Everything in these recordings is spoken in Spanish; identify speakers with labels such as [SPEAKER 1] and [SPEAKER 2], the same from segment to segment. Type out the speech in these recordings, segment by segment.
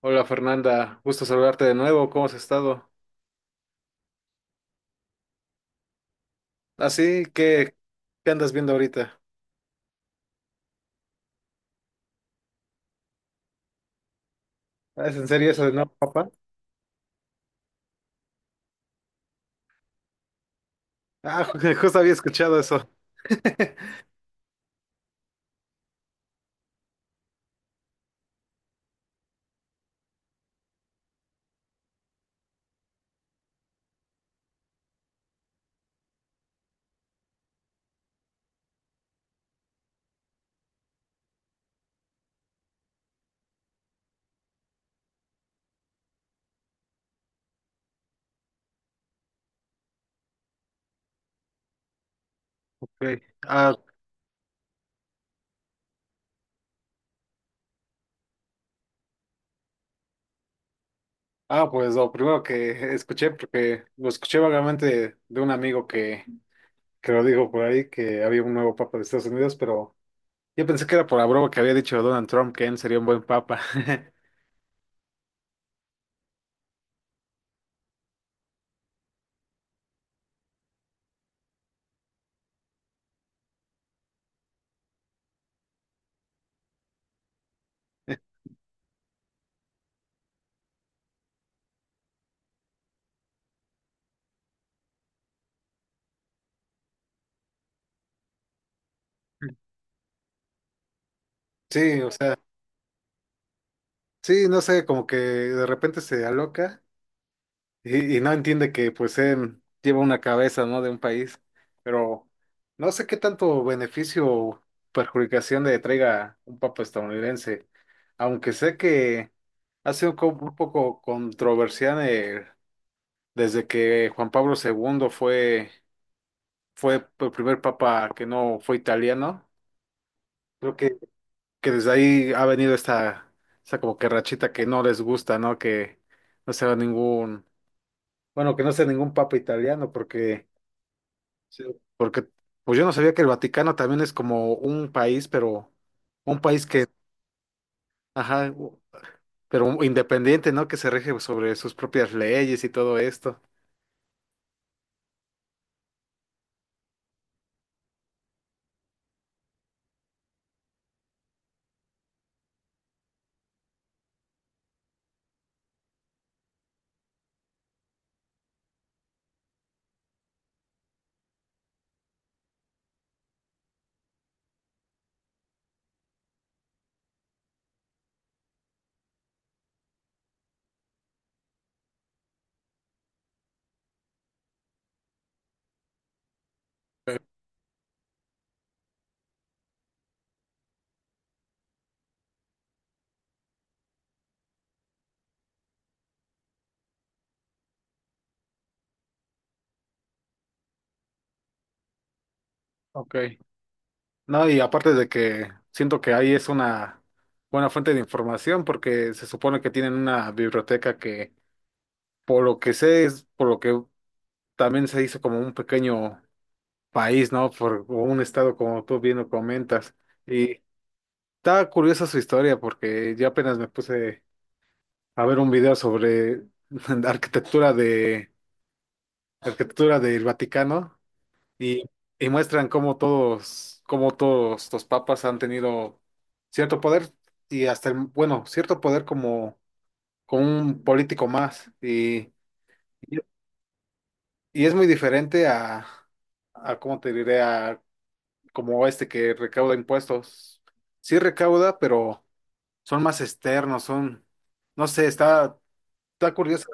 [SPEAKER 1] Hola Fernanda, gusto saludarte de nuevo, ¿cómo has estado? Así, ¿qué, qué andas viendo ahorita? Ah, ¿es en serio eso de no, papá? Ah, justo había escuchado eso. Ok. Ah, pues lo primero que escuché, porque lo escuché vagamente de un amigo que lo dijo por ahí, que había un nuevo papa de Estados Unidos, pero yo pensé que era por la broma que había dicho Donald Trump, que él sería un buen papa. Sí, o sea, sí, no sé, como que de repente se aloca. Y no entiende que pues él lleva una cabeza, ¿no? De un país, pero no sé qué tanto beneficio o perjudicación le traiga un papa estadounidense, aunque sé que ha sido un poco controversial, desde que Juan Pablo segundo fue el primer papa que no fue italiano. Creo que desde ahí ha venido esta como que rachita que no les gusta, ¿no? Que no sea bueno, que no sea ningún papa italiano, porque... Sí. Porque, pues yo no sabía que el Vaticano también es como un país, pero un país ajá, pero independiente, ¿no? Que se rige sobre sus propias leyes y todo esto. Ok. No, y aparte de que siento que ahí es una buena fuente de información, porque se supone que tienen una biblioteca que, por lo que sé, es por lo que también se hizo como un pequeño país, ¿no? Por, o un estado, como tú bien lo comentas. Y estaba curiosa su historia, porque yo apenas me puse a ver un video sobre arquitectura de arquitectura del Vaticano y, y muestran cómo todos los papas han tenido cierto poder y hasta bueno, cierto poder como un político más. Y y es muy diferente a cómo te diré, a como este que recauda impuestos. Sí recauda, pero son más externos, son, no sé, está curioso.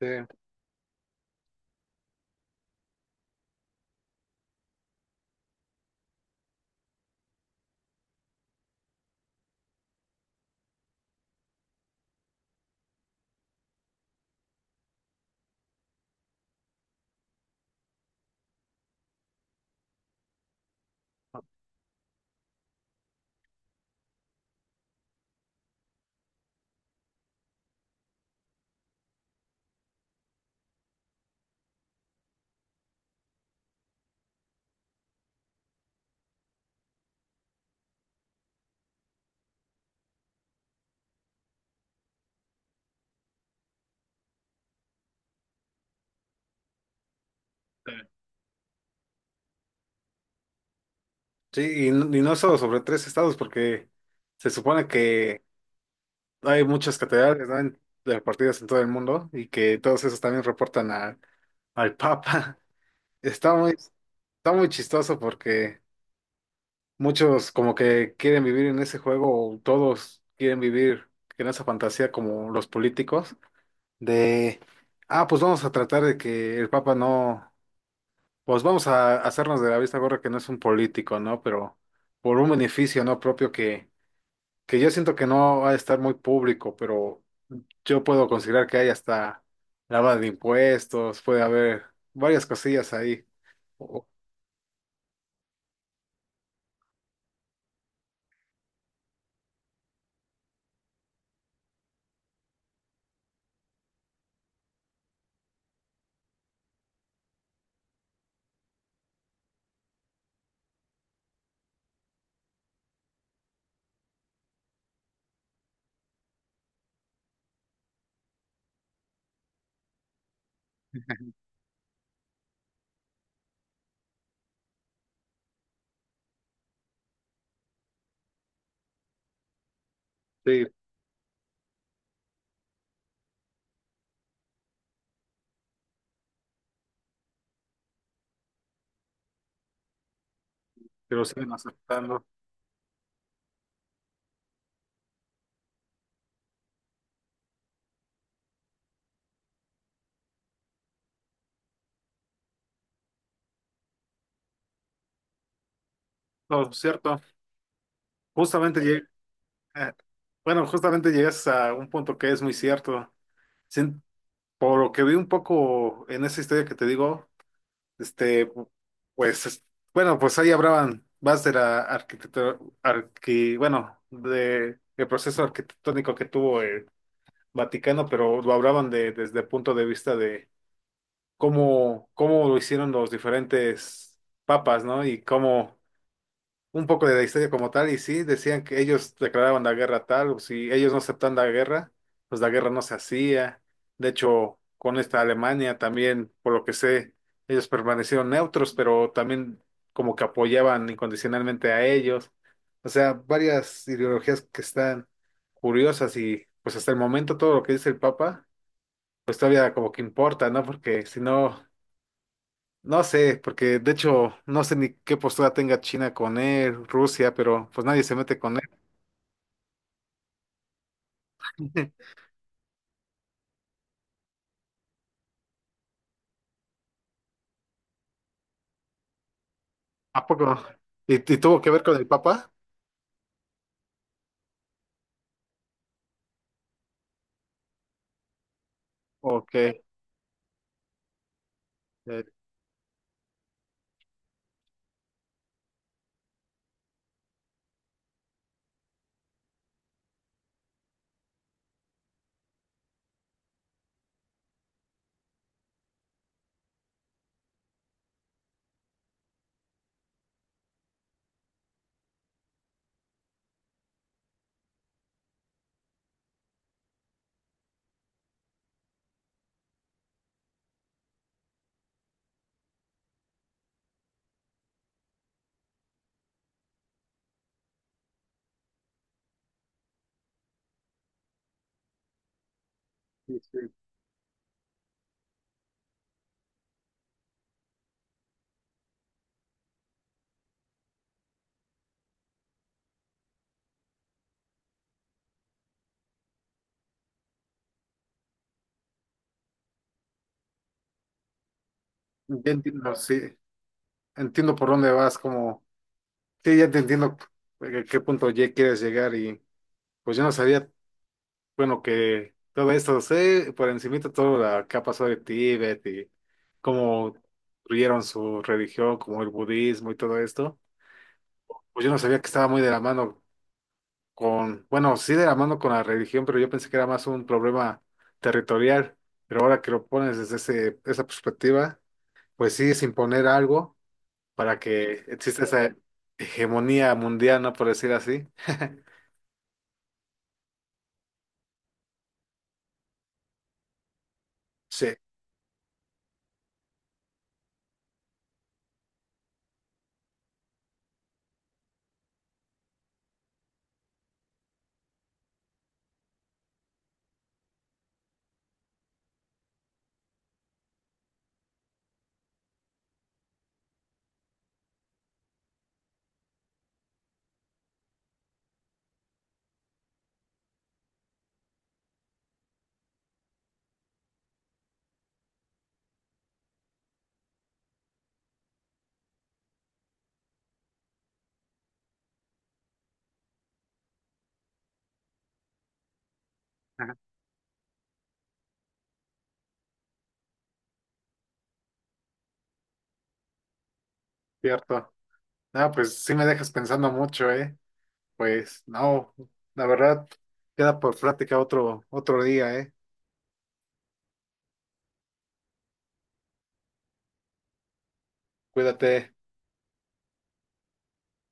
[SPEAKER 1] este, Sí, y, y no solo sobre tres estados, porque se supone que hay muchas catedrales, ¿no? Repartidas en todo el mundo y que todos esos también reportan al Papa. Está muy, Está muy chistoso porque muchos como que quieren vivir en ese juego, o todos quieren vivir en esa fantasía como los políticos, de, ah, pues vamos a tratar de que el Papa no, pues vamos a hacernos de la vista gorda que no es un político, ¿no? Pero por un beneficio no propio que yo siento que no va a estar muy público, pero yo puedo considerar que hay hasta lavada de impuestos, puede haber varias cosillas ahí. O- Sí, pero siguen aceptando. No, cierto. Justamente llegué, eh, bueno, justamente llegas a un punto que es muy cierto. Sin- por lo que vi un poco en esa historia que te digo, este, pues, es- bueno, pues ahí hablaban más de la arquitectura, bueno, de, el proceso arquitectónico que tuvo Vaticano, pero lo hablaban de, desde el punto de vista de cómo lo hicieron los diferentes papas, ¿no? Y cómo, un poco de la historia como tal, y sí, decían que ellos declaraban la guerra tal, o si ellos no aceptan la guerra, pues la guerra no se hacía. De hecho, con esta Alemania también, por lo que sé, ellos permanecieron neutros, pero también como que apoyaban incondicionalmente a ellos. O sea, varias ideologías que están curiosas y pues hasta el momento todo lo que dice el Papa pues todavía como que importa, ¿no? Porque si no, no sé, porque de hecho no sé ni qué postura tenga China con él, Rusia, pero pues nadie se mete con él. ¿A poco? Y tuvo que ver con el Papa? ¿O qué? Eh, sí, sí. Ya entiendo, sí, entiendo por dónde vas, como, sí, ya te entiendo a qué punto ya quieres llegar y pues yo no sabía, bueno, que todo esto, sé por encimita todo lo que ha pasado de Tíbet y cómo construyeron su religión, como el budismo y todo esto. Pues yo no sabía que estaba muy de la mano con, bueno, sí de la mano con la religión, pero yo pensé que era más un problema territorial, pero ahora que lo pones desde esa perspectiva, pues sí es imponer algo para que exista esa hegemonía mundial, ¿no? Por decir así. Sí. Ajá. Cierto. Ah, pues sí me dejas pensando mucho, ¿eh? Pues no, la verdad, queda por plática otro día, ¿eh? Cuídate.